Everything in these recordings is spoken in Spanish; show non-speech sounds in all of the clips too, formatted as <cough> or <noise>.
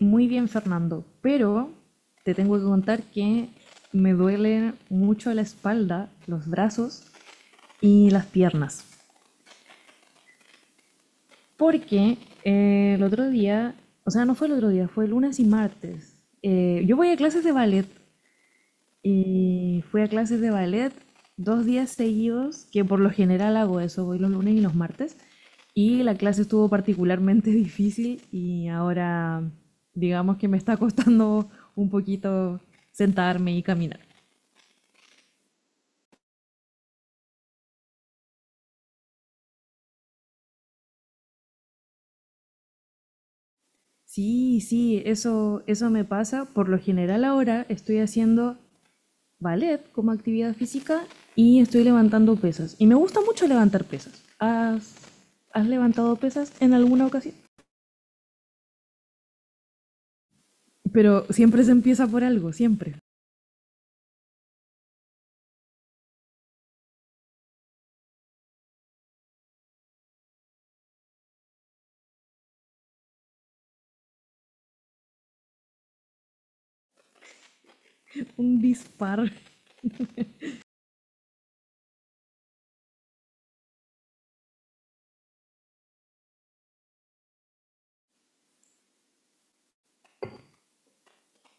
Muy bien, Fernando, pero te tengo que contar que me duele mucho la espalda, los brazos y las piernas. Porque el otro día, o sea, no fue el otro día, fue lunes y martes. Yo voy a clases de ballet. Y fui a clases de ballet dos días seguidos, que por lo general hago eso, voy los lunes y los martes. Y la clase estuvo particularmente <laughs> difícil y ahora digamos que me está costando un poquito sentarme y caminar. Sí, sí, eso me pasa. Por lo general ahora estoy haciendo ballet como actividad física y estoy levantando pesas. Y me gusta mucho levantar pesas. ¿Has levantado pesas en alguna ocasión? Pero siempre se empieza por algo, siempre. Un disparo.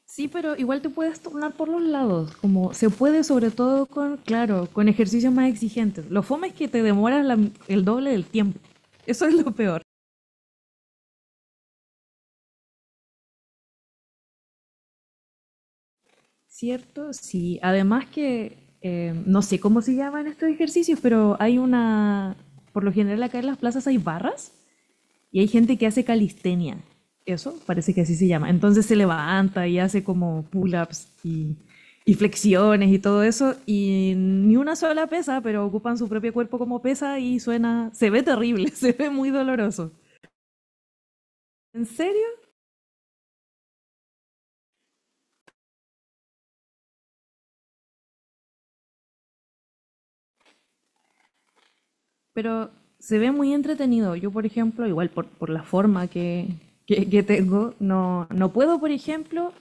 Sí, pero igual te puedes tornar por los lados, como se puede sobre todo con, claro, con ejercicios más exigentes. Lo fome es que te demoras el doble del tiempo. Eso es lo peor. ¿Cierto? Sí. Además que, no sé cómo se llaman estos ejercicios, pero hay una, por lo general acá en las plazas hay barras y hay gente que hace calistenia. Eso parece que así se llama. Entonces se levanta y hace como pull-ups y flexiones y todo eso. Y ni una sola pesa, pero ocupan su propio cuerpo como pesa y suena. Se ve terrible, <laughs> se ve muy doloroso. ¿En serio? Pero se ve muy entretenido. Yo, por ejemplo, igual por la forma que tengo, no, no puedo, por ejemplo,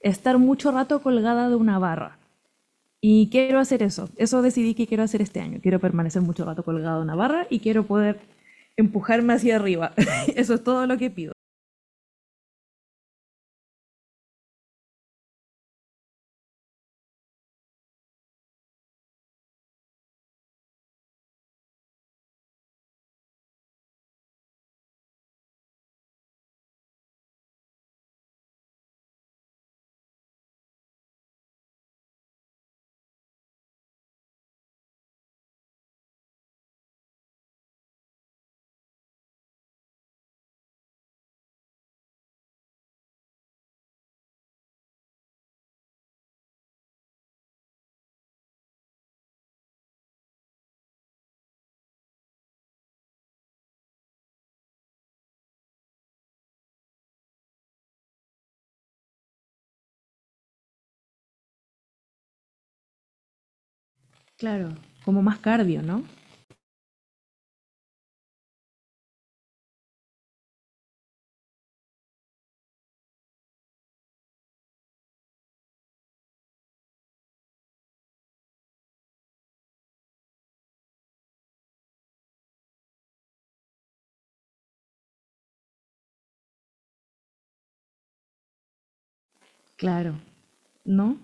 estar mucho rato colgada de una barra. Y quiero hacer eso. Eso decidí que quiero hacer este año. Quiero permanecer mucho rato colgado en una barra y quiero poder empujarme hacia arriba. <laughs> Eso es todo lo que pido. Claro, como más cardio, ¿no? Claro. ¿No?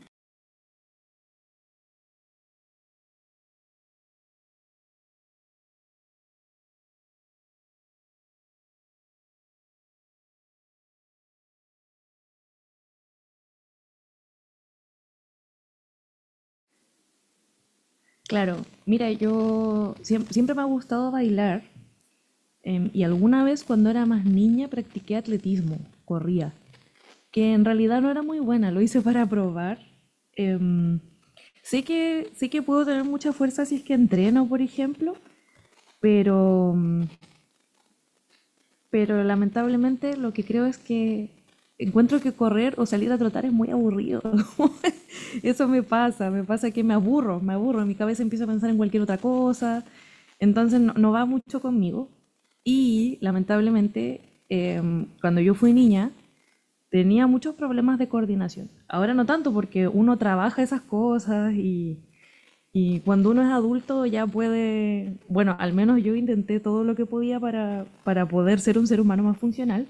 Claro. Mira, yo... Siempre me ha gustado bailar, y alguna vez cuando era más niña practiqué atletismo, corría, que en realidad no era muy buena, lo hice <laughs> para probar. Em, Sé sé que puedo tener mucha fuerza si es que entreno, por ejemplo. Pero, pero lamentablemente lo que creo es que encuentro que correr o salir a trotar es muy aburrido. <laughs> Eso me pasa que me aburro, mi cabeza empieza a pensar en cualquier otra cosa, entonces no, no va mucho conmigo. Y lamentablemente, cuando yo fui niña, tenía muchos problemas de coordinación. Ahora no tanto porque uno trabaja esas cosas y cuando uno es adulto ya puede, bueno, al menos yo intenté todo lo que podía para poder ser un ser humano más funcional,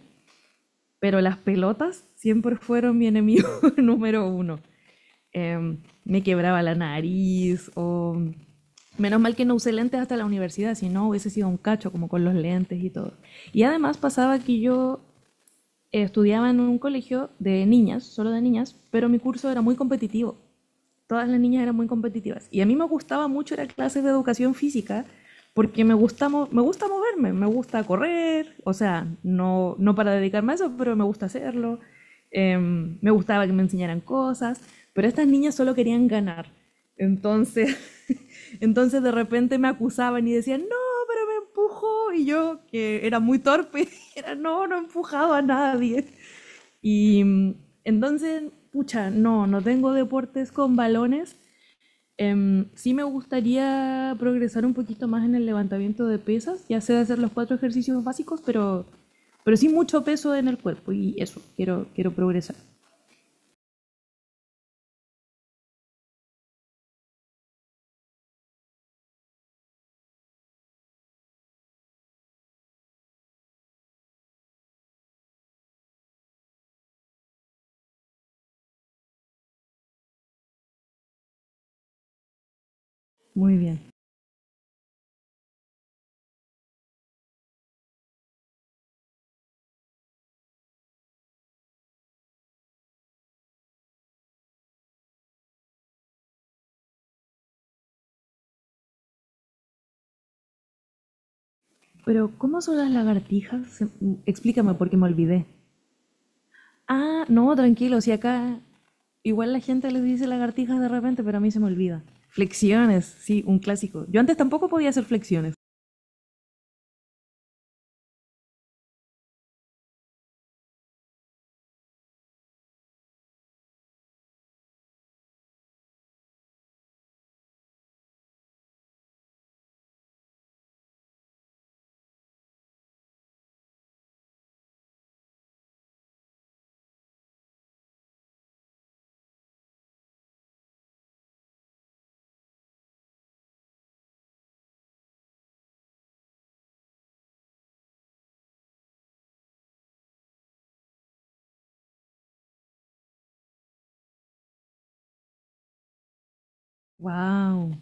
pero las pelotas siempre fueron mi enemigo <laughs> número uno. Eh, Me quebraba la nariz o... Menos mal que no usé lentes hasta la universidad, si no hubiese sido un cacho como con los lentes y todo. Y además pasaba que yo estudiaba en un colegio de niñas, solo de niñas, pero mi curso era muy competitivo, todas las niñas eran muy competitivas. Y a mí me gustaba mucho ir a clases de educación física porque me gusta moverme, me gusta correr, o sea, no, no para dedicarme a eso, pero me gusta hacerlo. Me gustaba que me enseñaran cosas, pero estas niñas solo querían ganar. Entonces, <laughs> entonces de repente me acusaban y decían, no, pero me empujó. Y yo, que era muy torpe, <laughs> era, no, no he empujado a nadie. Y entonces, pucha, no, no tengo deportes con balones. Sí me gustaría progresar un poquito más en el levantamiento de pesas. Ya sé hacer los cuatro ejercicios básicos, pero sí mucho peso en el cuerpo y eso, quiero, quiero progresar. Muy bien. Pero, ¿cómo son las lagartijas? Explícame porque me olvidé. Ah, no, tranquilo, si acá igual la gente les dice lagartijas de repente, pero a mí se me olvida. Flexiones, sí, un clásico. Yo antes tampoco podía hacer flexiones. Wow.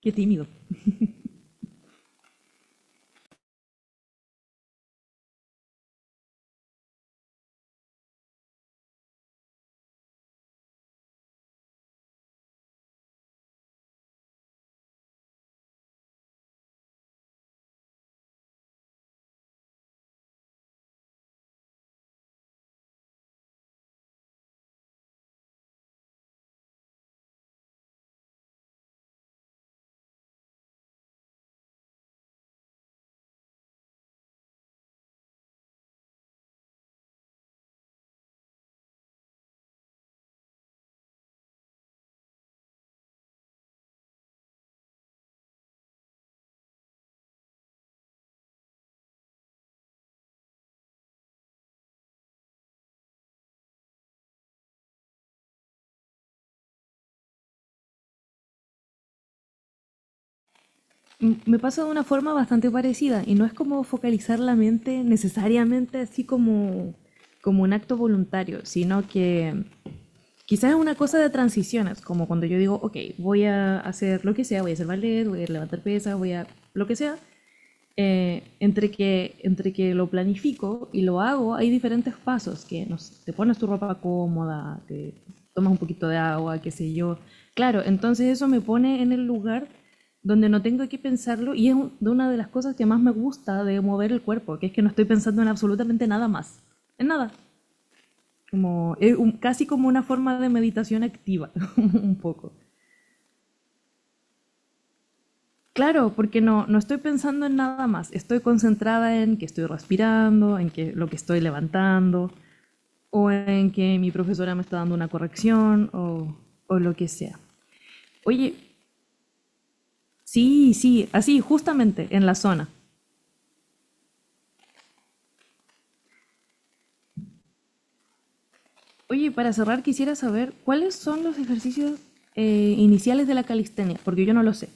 Qué tímido. Me pasa de una forma bastante parecida y no es como focalizar la mente necesariamente así como, como un acto voluntario, sino que quizás es una cosa de transiciones, como cuando yo digo, ok, voy a hacer lo que sea, voy a hacer ballet, voy a levantar pesas, voy a lo que sea, entre que lo planifico y lo hago, hay diferentes pasos, que no te pones tu ropa cómoda, te tomas un poquito de agua, qué sé yo. Claro, entonces eso me pone en el lugar donde no tengo que pensarlo y es una de las cosas que más me gusta de mover el cuerpo, que es que no estoy pensando en absolutamente nada más, en nada. Como, casi como una forma de meditación activa, <laughs> un poco. Claro, porque no, no estoy pensando en nada más. Estoy concentrada en que estoy respirando, en que lo que estoy levantando, o en que mi profesora me está dando una corrección, o lo que sea. Oye, sí, sí, así, justamente, en la zona. Oye, para cerrar quisiera saber cuáles son los ejercicios iniciales de la calistenia, porque yo no lo sé.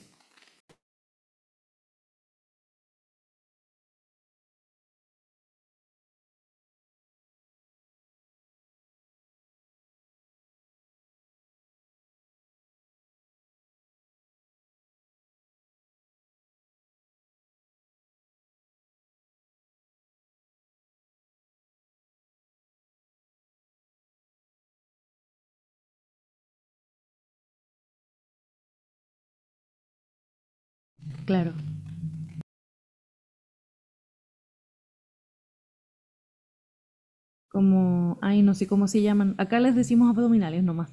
Claro, como, ay, no sé cómo se llaman. Acá les decimos abdominales nomás.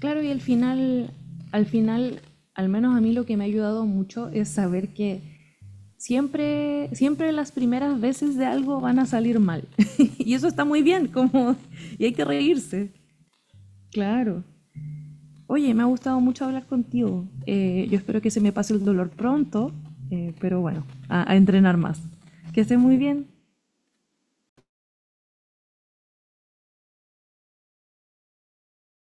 Claro, y al final, al final, al menos a mí lo que me ha ayudado mucho es saber que siempre, siempre las primeras veces de algo van a salir mal. <laughs> Y eso está muy bien, como, y hay que reírse. Claro. Oye, me ha gustado mucho hablar contigo. Yo espero que se me pase el dolor pronto, pero bueno, a entrenar más. Que estés muy bien.